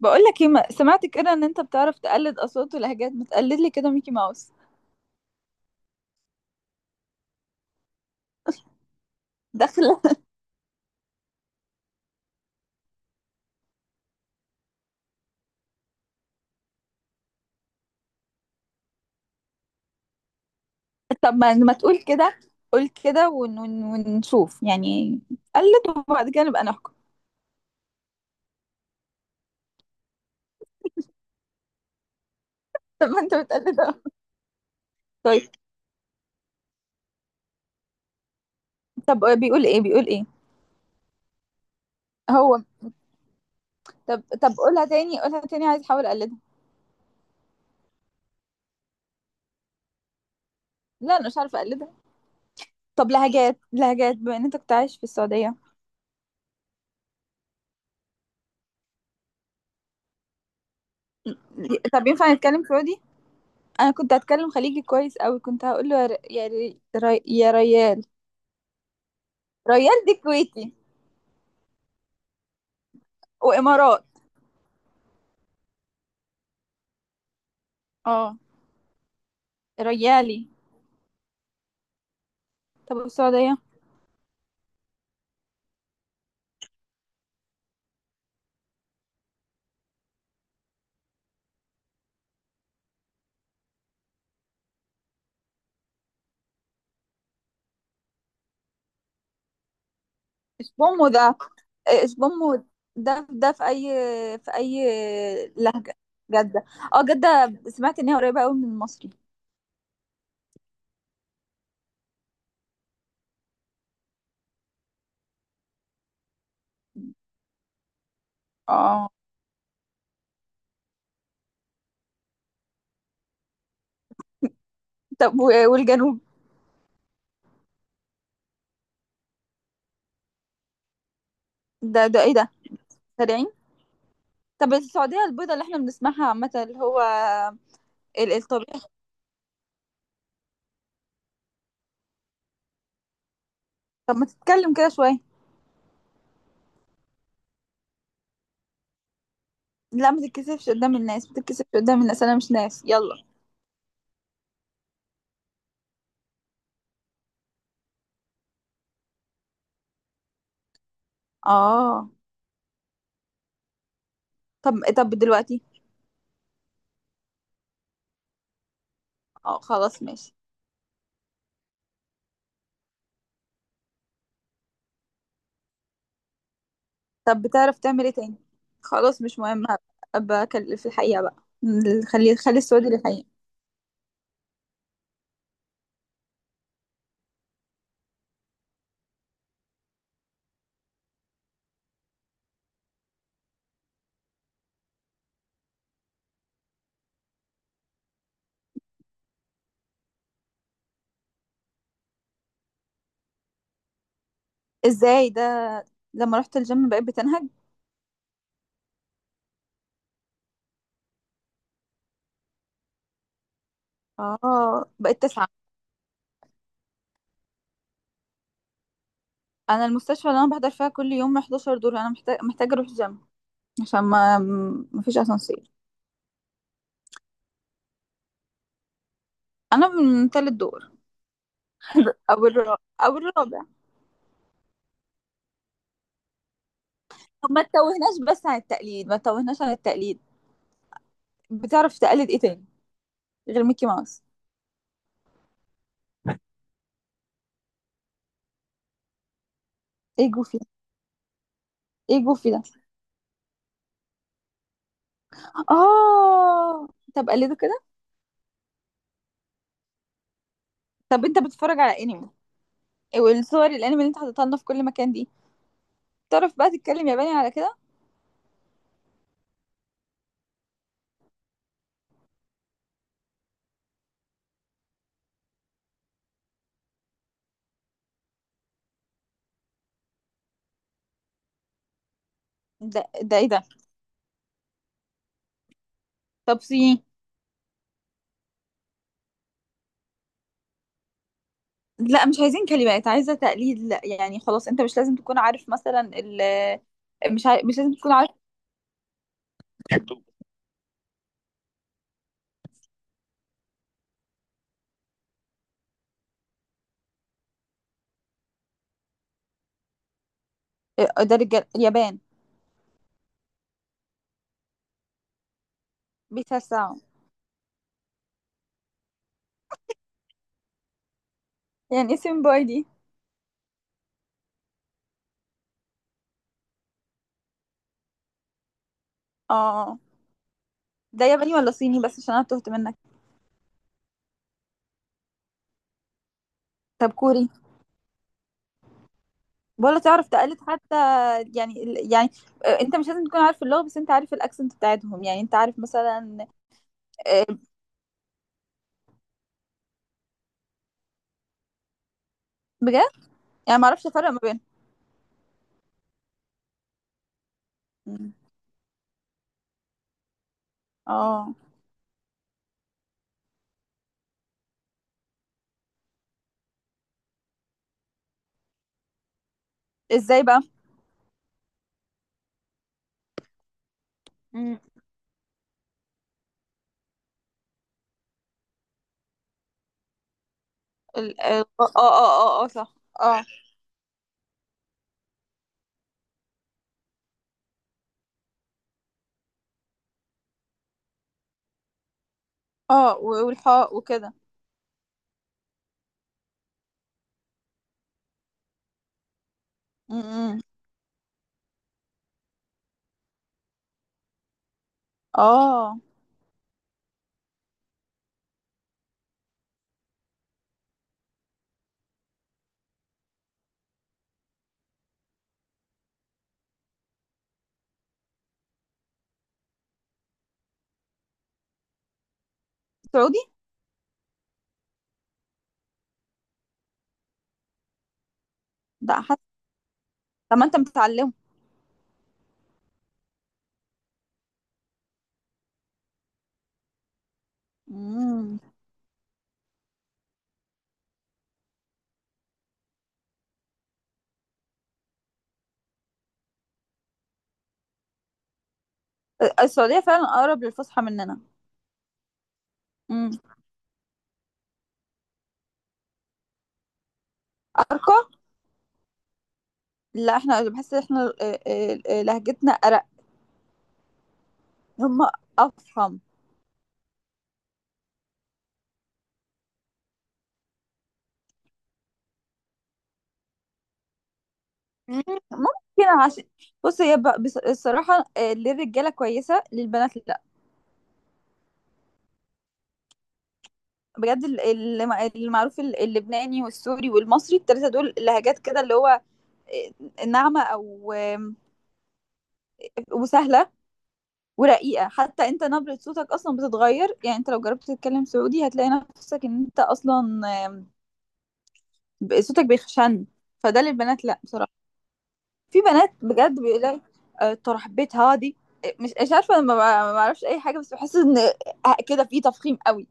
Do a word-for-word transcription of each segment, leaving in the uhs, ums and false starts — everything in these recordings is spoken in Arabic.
بقولك ايه؟ ما- سمعت كده ان انت بتعرف تقلد اصوات ولهجات، ما تقلد لي كده ميكي ماوس داخل؟ طب ما ما تقول كده، قول كده. ون... ون... ونشوف يعني، قلد وبعد كده نبقى نحكم. طب ما انت بتقلد اهو. طيب، طب بيقول ايه؟ بيقول ايه؟ هو. طب طب قولها تاني، قولها تاني، عايز احاول اقلدها. لا انا مش عارفه اقلدها. طب لهجات، لهجات بما ان انت كنت عايش في السعوديه، طب ينفع نتكلم سعودي؟ انا كنت هتكلم خليجي كويس قوي، كنت هقول له يا ر... يا ر... يا ريال. ريال دي كويتي وامارات. اه، ريالي. طب السعودية؟ مش بومو ده، مش بومو ده ده في أي، في أي لهجة؟ جدة. اه جدة، سمعت إن هي قريبة أوي من المصري. اه. طب و- والجنوب؟ ده ده ايه ده؟ سريعين. طب السعودية البيضة اللي احنا بنسمعها عامة، اللي هو ال- الطبيعي. طب ما تتكلم كده شوية. لا ما تتكسفش قدام الناس، ما تتكسفش قدام الناس، أنا مش ناس، يلا. اه. طب طب دلوقتي؟ اه خلاص ماشي. طب بتعرف تعمل ايه تاني؟ خلاص مش مهم، ابقى أكل- في الحقيقة بقى. خلي خلي السعودي للحقيقة. ازاي ده؟ لما رحت الجيم بقيت بتنهج؟ اه بقيت تسعة؟ انا المستشفى اللي انا بحضر فيها كل يوم احداشر دور، انا محتاج محتاجة اروح الجيم عشان ما ما فيش اسانسير. انا من تالت دور. او الرابع، او الرابع طب ما تتوهناش بس عن التقليد، ما تتوهناش عن التقليد. بتعرف تقلد ايه تاني غير ميكي ماوس؟ ايه جوفي ده؟ ايه جوفي ده؟ اه. طب قلده كده. طب انت بتتفرج على انمي؟ إيه، والصور الانمي اللي انت حاططها لنا في كل مكان دي، تعرف بقى تتكلم ياباني على كده؟ ده ده ايه ده؟ طب سي. لا مش عايزين كلمات، عايزه تقليد. لا يعني خلاص، انت مش لازم تكون عارف مثلا ال مش عارف، مش لازم تكون عارف. اه، ده رجال اليابان بيتوسعوا. يعني اسم باي دي؟ اه، ده ياباني ولا صيني؟ بس عشان انا تهت منك. طب كوري؟ ولا تعرف تقلد حتى؟ يعني ال- يعني اه، انت مش لازم تكون عارف اللغه، بس انت عارف الاكسنت بتاعتهم، يعني انت عارف مثلا. اه، بجد؟ يعني ما اعرفش افرق ما بينهم. مم. اه، ازاي بقى؟ مم. ال... ال... اه اه اه اه آه، صح. اه. اه و- والحاء وكده. مم. اه، سعودي. ده حتى طب ما انت متعلمه. مم. السعودية فعلا اقرب للفصحى مننا. مم. ارقى. لا احنا بحس ان احنا آه، آه، آه، لهجتنا ارق. هم. افخم. مم. ممكن عشان بص هي ب- بص- الصراحة آه، للرجالة كويسة، للبنات لأ. بجد ال- ال- المعروف ال- اللبناني والسوري والمصري، التلاتة دول لهجات كده اللي هو آه، ناعمة أو وسهلة ورقيقة. حتى انت نبرة صوتك أصلا بتتغير، يعني انت لو جربت تتكلم سعودي هتلاقي نفسك ان انت أصلا، آه، ب- صوتك بيخشن. فده للبنات لأ بصراحة. في بنات بجد بيقولك آه، ترحبيت هادي. آه، مش مش عارفة، ما ما- ما اعرفش أي حاجة، بس بحس ان آه، كده في تفخيم قوي.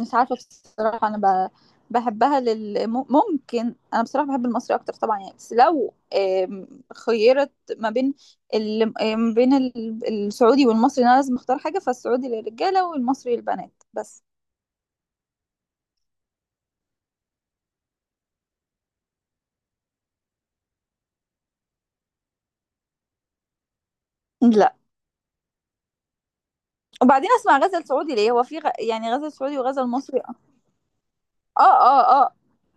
مش عارفة بصراحة. أنا ب... بحبها لل مم- ممكن. أنا بصراحة بحب المصري أكتر طبعا يعني، بس لو آم، خيرت ما بين ال... ما بين ال- السعودي والمصري، أنا لازم أختار حاجة، فالسعودي للرجالة والمصري للبنات بس. لا، وبعدين أسمع غزل سعودي ليه؟ هو في غ... يعني غزل سعودي وغزل مصري؟ آه آه آه،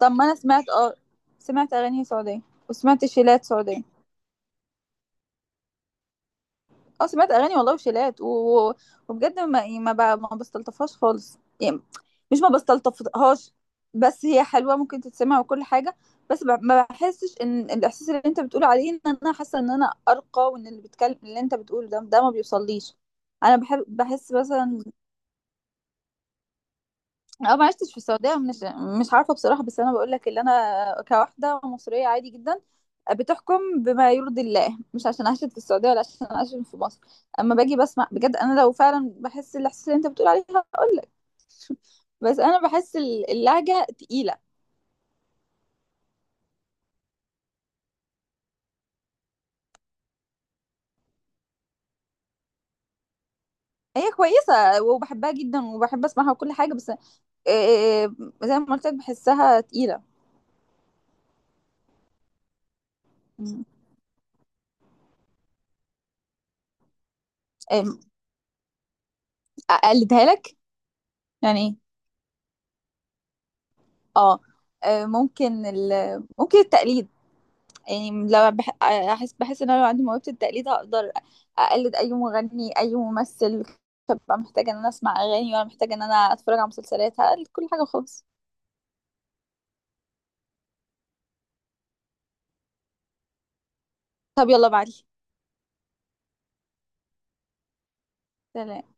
طب ما أنا سمعت، آه سمعت أغاني سعودية وسمعت شيلات سعودية. اه سمعت اغاني والله وشيلات و... وبجد ما إيه، ما, ب... ما بستلطفهاش خالص يعني. مش ما بستلطفهاش، بس هي حلوه ممكن تتسمع وكل حاجه، بس ب... ما بحسش ان الاحساس اللي انت بتقول عليه ان انا حاسه ان انا ارقى، وان اللي بتكلم اللي انت بتقوله ده ده ما بيوصليش. انا بحب بحس مثلا انا ما عشتش في السعوديه، مش مش عارفه بصراحه، بس انا بقول لك اللي انا كواحده مصريه عادي جدا بتحكم بما يرضي الله، مش عشان عشت في السعودية ولا عشان عشت في مصر. اما باجي بسمع بجد انا لو فعلا بحس الاحساس اللي انت بتقول عليه ده، بس انا بحس ال- اللهجة تقيلة. هي كويسة وبحبها جدا وبحب اسمعها وكل حاجة، بس آه، آه، زي ما قلت لك بحسها تقيلة. م. آه، اقلدها لك؟ يعني ايه؟ اه، آه، ممكن ال... ممكن التقليد، يعني لما بح... احس بحس ان انا لو عندي موهبة التقليد هقدر اقلد اي مغني اي ممثل، فببقى محتاجة ان انا اسمع اغاني ولا محتاجة ان انا اتفرج على مسلسلات، هقلد كل حاجة خالص. طب يلا بعدي. سلام.